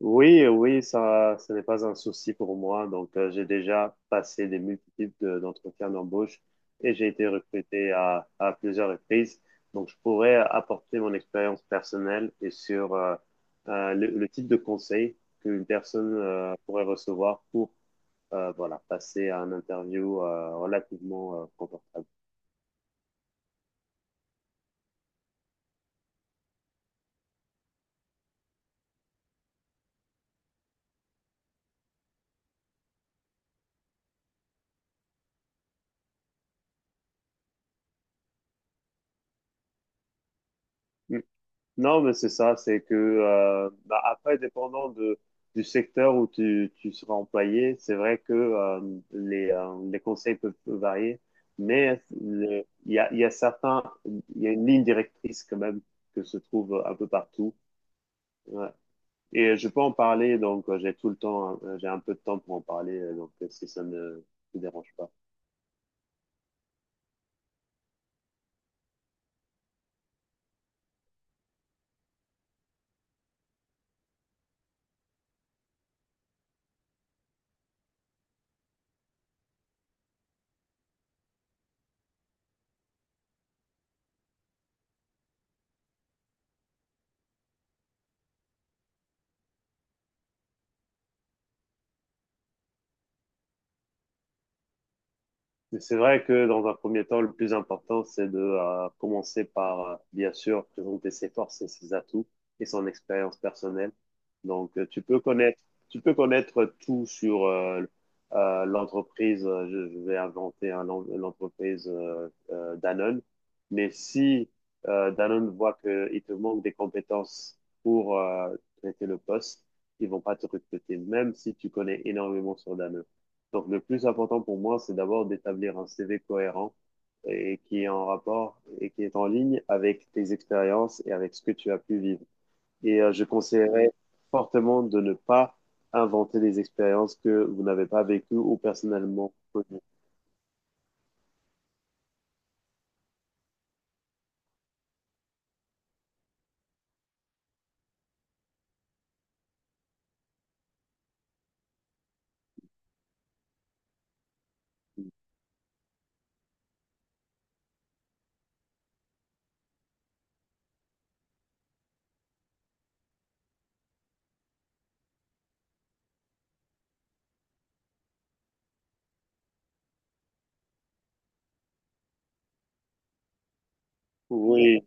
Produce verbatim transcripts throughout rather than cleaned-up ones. Oui, oui, ça, ce n'est pas un souci pour moi. Donc, euh, j'ai déjà passé des multiples de- d'entretiens d'embauche et j'ai été recruté à, à plusieurs reprises. Donc, je pourrais apporter mon expérience personnelle et sur euh, euh, le, le type de conseil qu'une personne euh, pourrait recevoir pour euh, voilà, passer à un interview euh, relativement euh, confortable. Hmm. Non, mais c'est ça, c'est que euh, bah, après, dépendant de, du secteur où tu, tu seras employé, c'est vrai que euh, les, euh, les conseils peuvent, peuvent varier, mais le- il y a, il y a certains, il y a une ligne directrice quand même que se trouve un peu partout. Ouais. Et je peux en parler, donc euh, j'ai tout le temps, euh, j'ai un peu de temps pour en parler, euh, donc euh, si ça ne te dérange pas. Mais c'est vrai que dans un premier temps, le plus important, c'est de euh, commencer par, euh, bien sûr, présenter ses forces et ses atouts et son expérience personnelle. Donc, euh, tu peux connaître, tu peux connaître tout sur euh, euh, l'entreprise. euh, Je, je vais inventer hein, l'en- l'entreprise euh, euh, Danone. Mais si euh, Danone voit qu'il te manque des compétences pour euh, traiter le poste, ils vont pas te recruter, même si tu connais énormément sur Danone. Donc, le plus important pour moi, c'est d'abord d'établir un C V cohérent et qui est en rapport et qui est en ligne avec tes expériences et avec ce que tu as pu vivre. Et euh, je conseillerais fortement de ne pas inventer des expériences que vous n'avez pas vécues ou personnellement connues. Oui,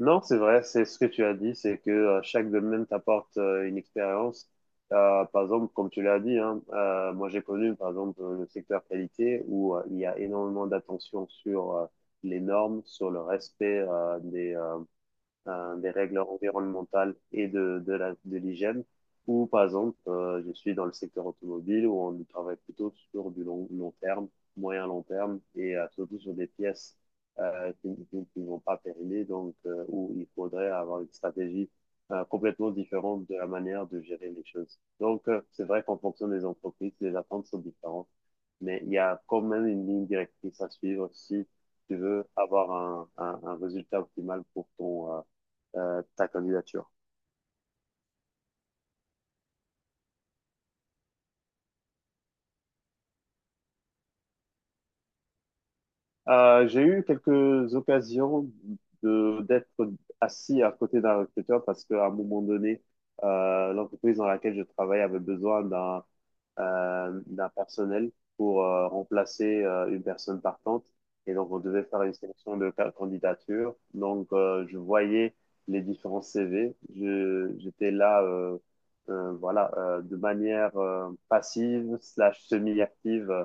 non, c'est vrai, c'est ce que tu as dit, c'est que euh, chaque domaine t'apporte euh, une expérience. Euh, par exemple, comme tu l'as dit, hein, euh, moi j'ai connu par exemple euh, le secteur qualité où euh, il y a énormément d'attention sur euh, les normes, sur le respect euh, des, euh, euh, des règles environnementales et de, de la, de l'hygiène. Ou par exemple, euh, je suis dans le secteur automobile où on travaille plutôt sur du long, long terme, moyen long terme et euh, surtout sur des pièces euh, qui ne vont pas périmer, donc euh, où il faudrait avoir une stratégie euh, complètement différente de la manière de gérer les choses. Donc, euh, c'est vrai qu'en fonction des entreprises, les attentes sont différentes, mais il y a quand même une ligne directrice à suivre si tu veux avoir un, un, un résultat optimal pour ton, euh, euh, ta candidature. Euh, j'ai eu quelques occasions de d'être assis à côté d'un recruteur parce qu'à un moment donné, euh, l'entreprise dans laquelle je travaille avait besoin d'un euh, d'un personnel pour euh, remplacer euh, une personne partante. Et donc, on devait faire une sélection de ca- candidatures. Donc, euh, je voyais les différents C V. Je, j'étais là, euh, euh, voilà, euh, de manière euh, passive slash semi-active, euh,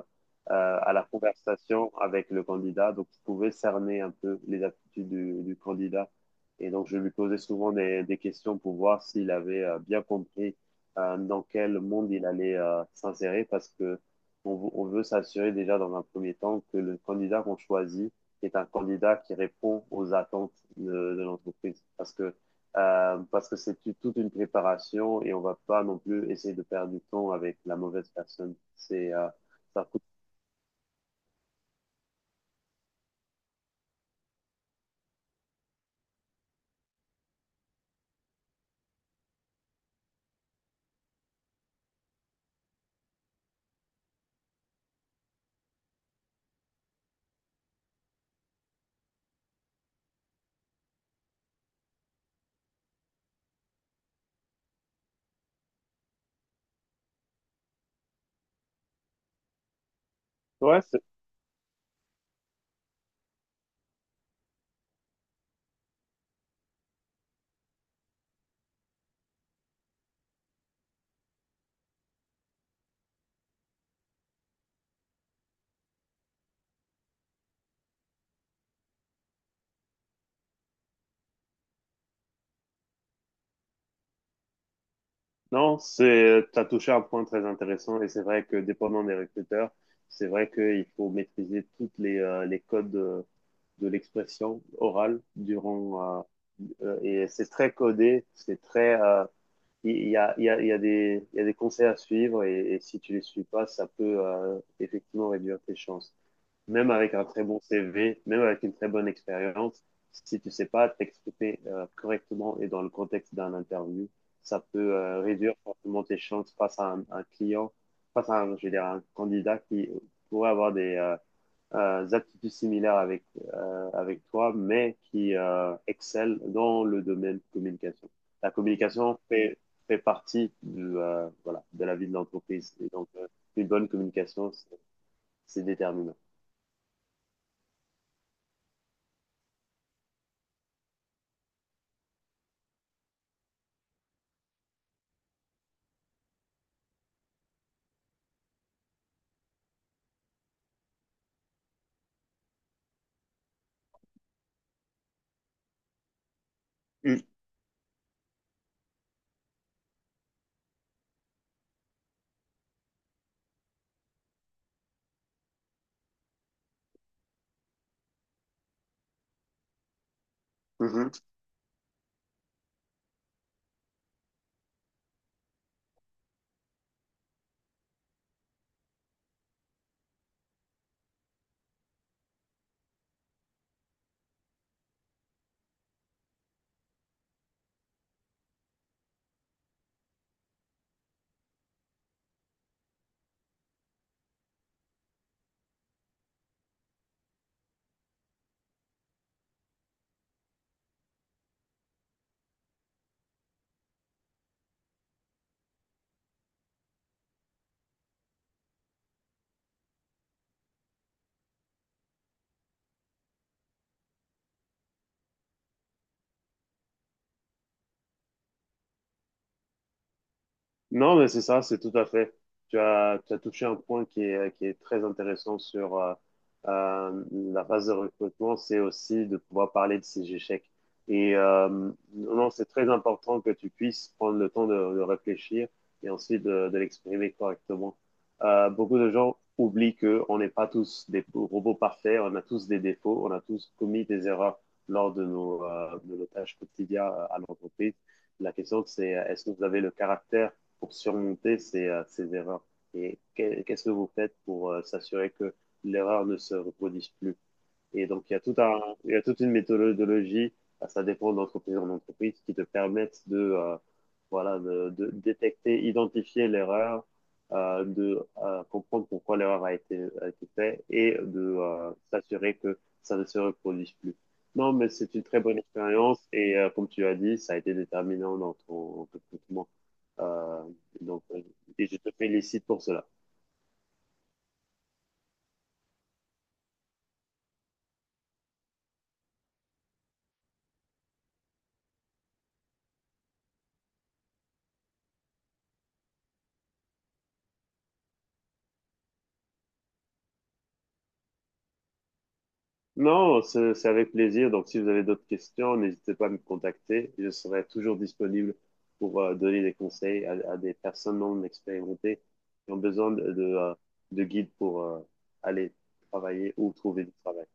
euh, à la conversation avec le candidat. Donc, je pouvais cerner un peu les aptitudes du, du candidat. Et donc, je lui posais souvent des, des questions pour voir s'il avait euh, bien compris euh, dans quel monde il allait euh, s'insérer parce que on, v- on veut s'assurer déjà dans un premier temps que le candidat qu'on choisit est un candidat qui répond aux attentes de, de l'entreprise parce que euh, parce que c'est tu- toute une préparation et on va pas non plus essayer de perdre du temps avec la mauvaise personne. C'est euh, ça Ouais, c'est non, c'est, t'as touché un point très intéressant et c'est vrai que dépendant des recruteurs, c'est vrai qu'il faut maîtriser toutes les, euh, les codes de, de l'expression orale durant, euh, euh, et c'est très codé, c'est très, euh, il il y a, il y a, il y a des, il y a des conseils à suivre et, et si tu les suis pas, ça peut, euh, effectivement réduire tes chances. Même avec un très bon C V, même avec une très bonne expérience, si tu ne sais pas t'exprimer euh, correctement et dans le contexte d'un interview, ça peut euh, réduire fortement tes chances face à un, un client, face à un, je veux dire, un candidat qui pourrait avoir des euh, euh, aptitudes similaires avec, euh, avec toi, mais qui euh, excelle dans le domaine communication. La communication fait, fait partie du, euh, voilà, de la vie de l'entreprise. Et donc, euh, une bonne communication, c'est c'est déterminant. Mhm. Mhm. Non, mais c'est ça, c'est tout à fait. Tu as, tu as touché un point qui est, qui est très intéressant sur euh, euh, la phase de recrutement, c'est aussi de pouvoir parler de ces échecs. Et euh, non, c'est très important que tu puisses prendre le temps de, de réfléchir et ensuite de, de l'exprimer correctement. Euh, beaucoup de gens oublient qu'on n'est pas tous des robots parfaits, on a tous des défauts, on a tous commis des erreurs lors de nos, euh, de nos tâches quotidiennes à l'entreprise. La question, c'est euh, est-ce que vous avez le caractère pour surmonter ces, euh, ces erreurs? Et que- qu'est-ce que vous faites pour euh, s'assurer que l'erreur ne se reproduise plus? Et donc, il y a tout un, il y a toute une méthodologie, bah, ça dépend d'entreprise en entreprise, qui te permettent de, euh, voilà, de, de détecter, identifier l'erreur, euh, de euh, comprendre pourquoi l'erreur a été, a été faite et de euh, s'assurer que ça ne se reproduise plus. Non, mais c'est une très bonne expérience et euh, comme tu as dit, ça a été déterminant dans ton recrutement. Euh, donc, euh, et je te félicite pour cela. Non, c'est c'est avec plaisir. Donc, si vous avez d'autres questions, n'hésitez pas à me contacter. Je serai toujours disponible pour euh, donner des conseils à, à des personnes non expérimentées qui ont besoin de, de, euh, de guides pour euh, aller travailler ou trouver du travail.